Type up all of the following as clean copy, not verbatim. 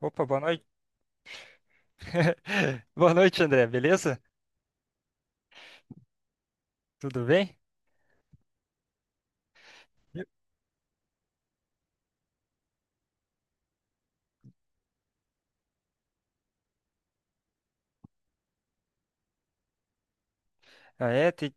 Opa, boa noite. Boa noite, André, beleza? Tudo bem? Ah, é,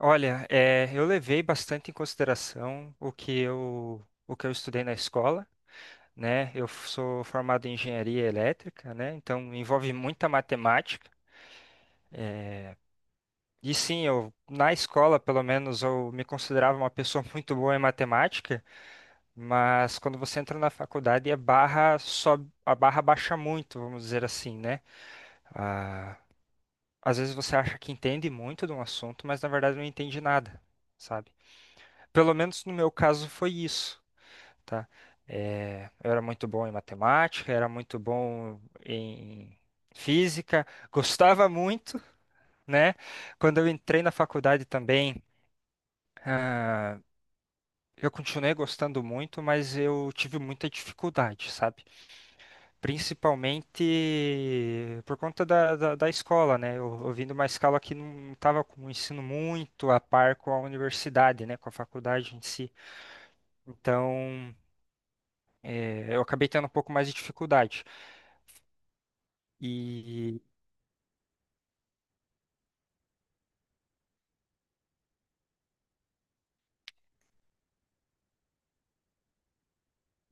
Olha, é, eu levei bastante em consideração o que eu estudei na escola, né? Sou formado em engenharia elétrica, né? Então envolve muita matemática. é, E sim, eu na escola, pelo menos, eu me considerava uma pessoa muito boa em matemática, mas quando você entra na faculdade, a barra sobe, a barra baixa muito, vamos dizer assim, né? Ah, às vezes você acha que entende muito de um assunto, mas na verdade não entende nada, sabe? Pelo menos no meu caso foi isso, tá? É, eu era muito bom em matemática, era muito bom em física, gostava muito, né? Quando eu entrei na faculdade também, ah, eu continuei gostando muito, mas eu tive muita dificuldade, sabe? Principalmente por conta da escola, né? Eu vim de uma escola que não estava com o ensino muito a par com a universidade, né? Com a faculdade em si. Então, eu acabei tendo um pouco mais de dificuldade. E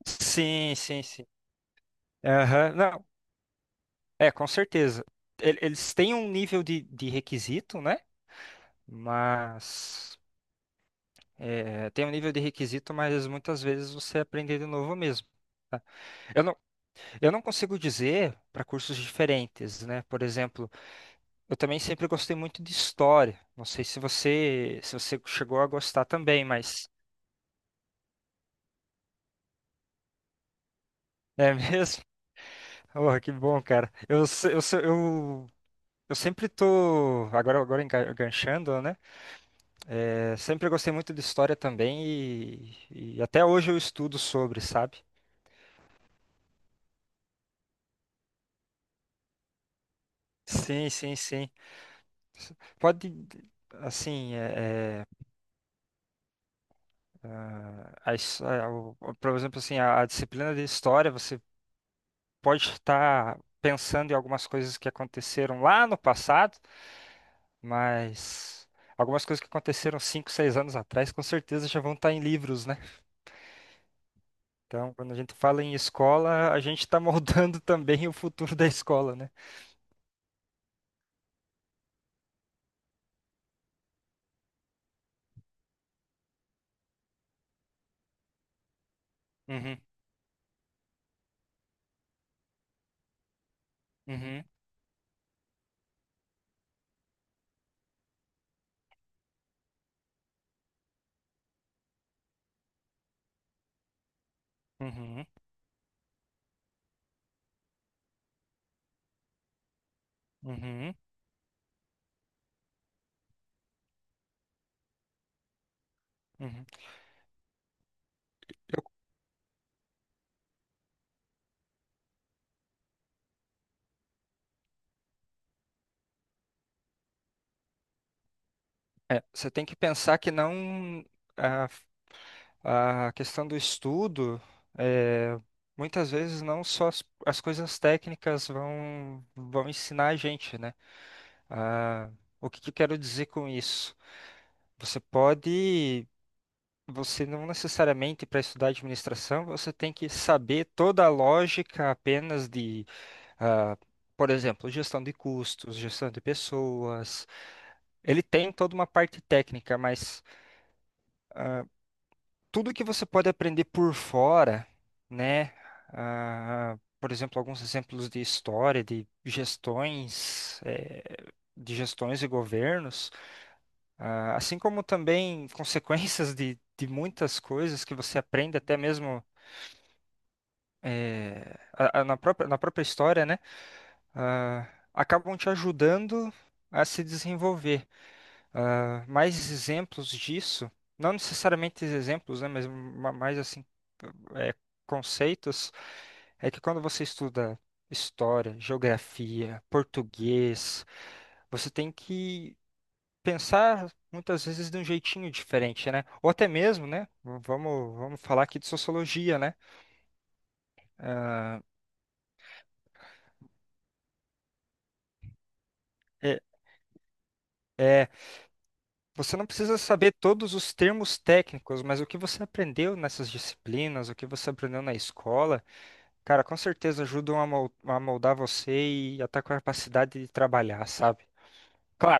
sim, sim, sim. Aham, não, é, com certeza. Eles têm um nível de requisito, né? Mas. Tem um nível de requisito, mas muitas vezes você aprende de novo mesmo. Eu Eu não consigo dizer para cursos diferentes, né? Por exemplo, eu também sempre gostei muito de história. Não sei se você chegou a gostar também, mas é mesmo? Oh, que bom, cara. Eu se- eu, se- eu sempre tô agora agora enganchando, né? É, sempre gostei muito de história também e até hoje eu estudo sobre, sabe? Sim, sim, sim. Pode, assim, ah, a his- ah, o- por exemplo, assim, a disciplina de história, você pode estar pensando em algumas coisas que aconteceram lá no passado, mas algumas coisas que aconteceram 5 6 anos atrás, com certeza já vão estar em livros, né? Então, quando a gente fala em escola, a gente está moldando também o futuro da escola, né? Uhum, uhum, uhum, uhum, uhum. É, você tem que pensar que não. Ah, a questão do estudo, é, muitas vezes não só as coisas técnicas vão ensinar a gente, né? Ah, o que que eu quero dizer com isso? Você pode, você não necessariamente para estudar administração, você tem que saber toda a lógica apenas de, ah, por exemplo, gestão de custos, gestão de pessoas. Ele tem toda uma parte técnica, mas tudo que você pode aprender por fora, né? Ah, por exemplo, alguns exemplos de história, de gestões e governos, assim como também consequências de muitas coisas que você aprende até mesmo eh, na própria história, né? Ah, acabam te ajudando a se desenvolver. Ah, mais exemplos disso, não necessariamente exemplos, né? Mas mais assim, é, conceitos é que quando você estuda história, geografia, português, você tem que pensar muitas vezes de um jeitinho diferente, né? Ou até mesmo, né? Vamos falar aqui de sociologia, né? É, é, você não precisa saber todos os termos técnicos, mas o que você aprendeu nessas disciplinas, o que você aprendeu na escola, cara, com certeza ajudam a moldar você e a tua capacidade de trabalhar, sabe? Claro,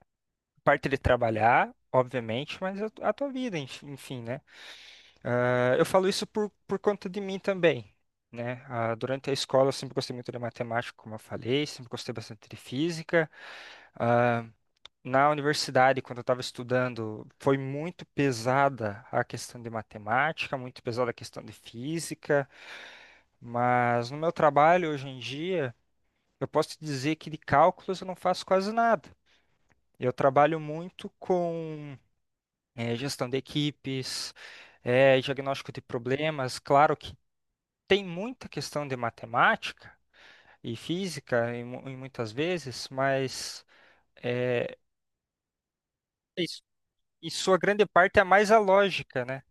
parte de trabalhar, obviamente, mas a tua vida, enfim, né? Ah, eu falo isso por conta de mim também, né? Ah, durante a escola eu sempre gostei muito de matemática, como eu falei, sempre gostei bastante de física. Ah, na universidade, quando eu estava estudando, foi muito pesada a questão de matemática, muito pesada a questão de física, mas no meu trabalho hoje em dia, eu posso te dizer que de cálculos eu não faço quase nada. Eu trabalho muito com gestão de equipes, diagnóstico de problemas. Claro que tem muita questão de matemática e física em muitas vezes, mas é, isso, em sua grande parte é mais a lógica, né?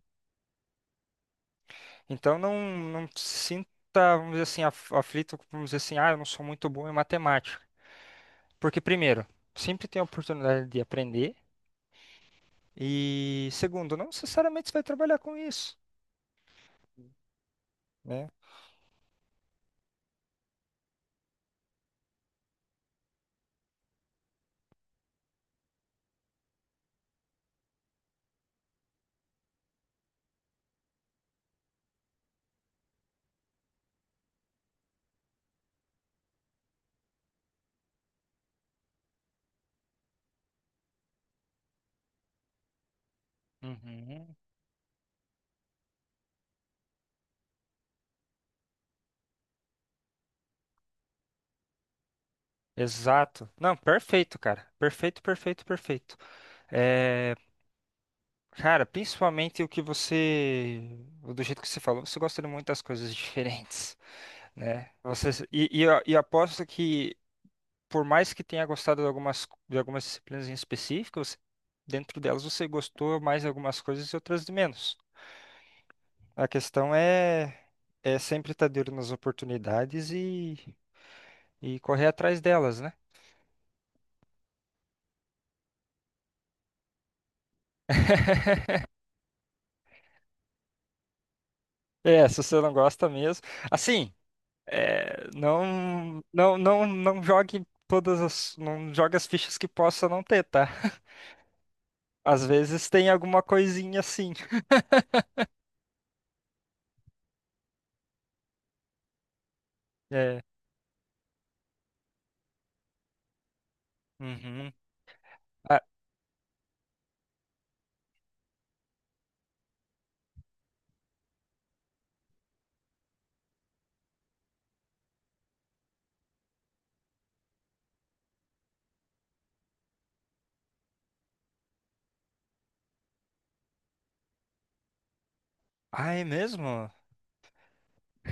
Então não, não se sinta, vamos dizer assim, aflito, vamos dizer assim, eu não sou muito bom em matemática. Porque, primeiro, sempre tem a oportunidade de aprender, e segundo, não necessariamente você vai trabalhar com isso, né? Uhum. Exato. Não, perfeito, cara. Perfeito, perfeito, perfeito. É, cara, principalmente o que você, do jeito que você falou, você gosta de muitas coisas diferentes, né? Você, e, eu- e aposto que, por mais que tenha gostado de algumas, disciplinas em específico, dentro delas você gostou mais de algumas coisas e outras de menos. A questão é sempre estar de olho nas oportunidades e correr atrás delas, né? É, se você não gosta mesmo. Assim. É, não, não, não, não jogue não jogue as fichas que possa não ter, tá? Às vezes tem alguma coisinha assim. É. Uhum. Ah, ah, é mesmo?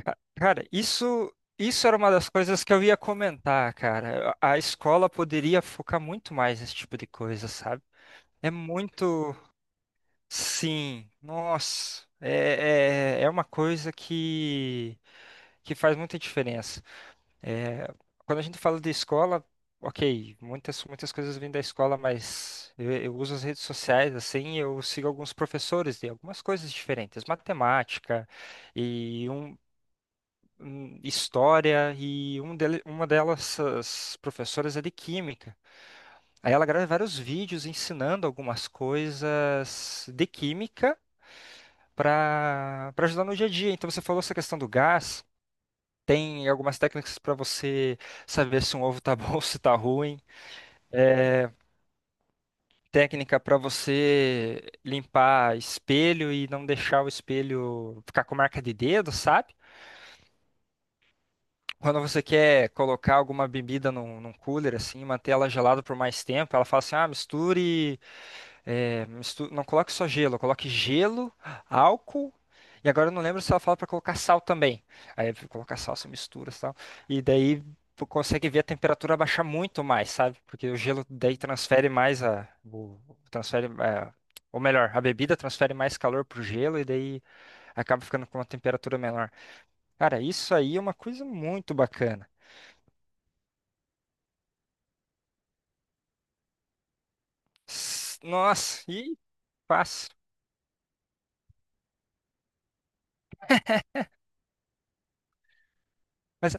Cara, isso era uma das coisas que eu ia comentar, cara. A escola poderia focar muito mais nesse tipo de coisa, sabe? É muito, sim, nossa, é uma coisa que faz muita diferença. É, quando a gente fala de escola, ok, muitas coisas vêm da escola, mas eu uso as redes sociais, assim, eu sigo alguns professores de algumas coisas diferentes, matemática e história, e uma delas, as professoras é de química. Aí ela grava vários vídeos ensinando algumas coisas de química para ajudar no dia a dia. Então você falou essa questão do gás. Tem algumas técnicas para você saber se um ovo tá bom ou se tá ruim. Técnica para você limpar espelho e não deixar o espelho ficar com marca de dedo, sabe? Quando você quer colocar alguma bebida num cooler, assim, manter ela gelada por mais tempo, ela fala assim: ah, misture. É, não coloque só gelo, coloque gelo, álcool. E agora eu não lembro se ela fala pra colocar sal também. Aí colocar sal, você mistura sal. E daí tu consegue ver a temperatura baixar muito mais, sabe? Porque o gelo daí transfere mais a. o- transfere, é, ou melhor, a bebida transfere mais calor pro gelo e daí acaba ficando com uma temperatura menor. Cara, isso aí é uma coisa muito bacana. Nossa, e fácil. Mas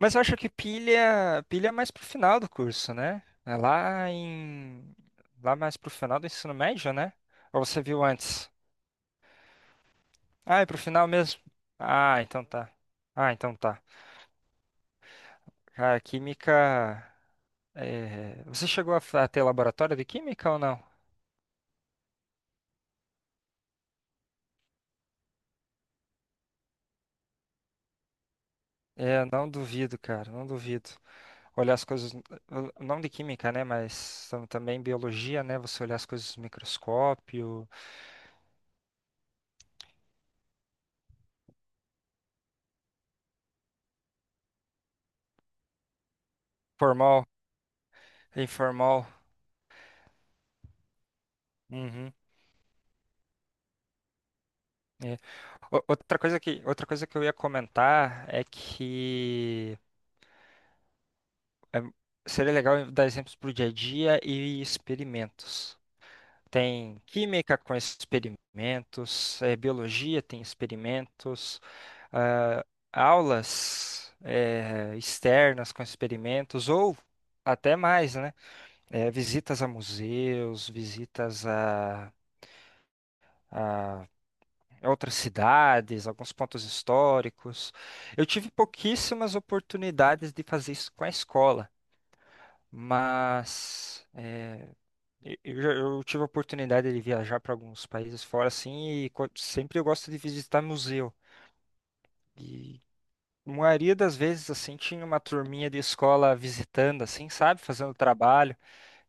Mas eu acho que pilha, pilha é mais pro final do curso, né? É lá mais pro final do ensino médio, né? Ou você viu antes? Ah, é pro final mesmo. Ah, então tá. Ah, então tá. A química, você chegou a a ter laboratório de química ou não? É, não duvido, cara, não duvido. Olhar as coisas, não de química, né? Mas também biologia, né? Você olhar as coisas no microscópio, formal, informal. Uhum. É. Outra coisa que eu ia comentar é que, é, seria legal dar exemplos para o dia a dia e experimentos. Tem química com experimentos, biologia tem experimentos, ah, aulas externas com experimentos, ou até mais, né? Visitas a museus, visitas a outras cidades, alguns pontos históricos. Eu tive pouquíssimas oportunidades de fazer isso com a escola, mas eu, eu tive a oportunidade de viajar para alguns países fora, assim, e sempre eu gosto de visitar museu. E a maioria das vezes, assim, tinha uma turminha de escola visitando, assim, sabe, fazendo trabalho.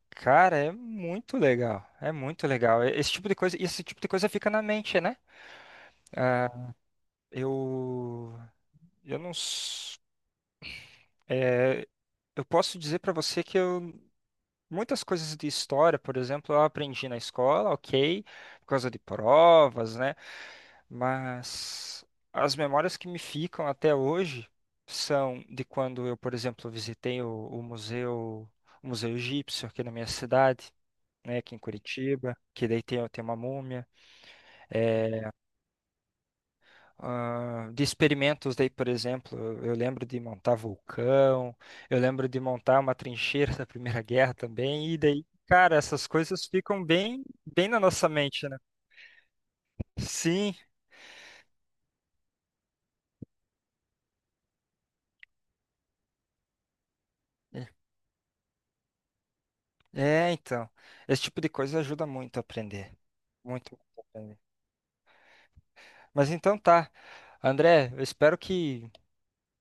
Cara, é muito legal, é muito legal. Esse tipo de coisa fica na mente, né? Ah, eu, eu não É, eu posso dizer para você que muitas coisas de história, por exemplo, eu aprendi na escola, ok, por causa de provas, né? Mas as memórias que me ficam até hoje são de quando eu, por exemplo, visitei o museu, o Museu Egípcio aqui na minha cidade, né, aqui em Curitiba, que daí tem, tem uma múmia. Ah, de experimentos daí, por exemplo, eu lembro de montar vulcão, eu lembro de montar uma trincheira da Primeira Guerra também, e daí, cara, essas coisas ficam bem, bem na nossa mente, né? Sim, então, esse tipo de coisa ajuda muito a aprender, muito, muito a aprender. Mas então tá, André, eu espero que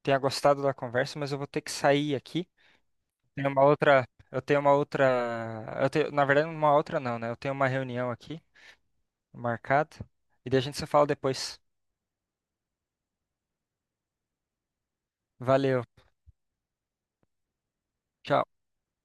tenha gostado da conversa, mas eu vou ter que sair aqui. Eu tenho uma outra, eu tenho, na verdade, uma outra não, né? Eu tenho uma reunião aqui. Marcado. E daí a gente se fala depois. Valeu. Tchau.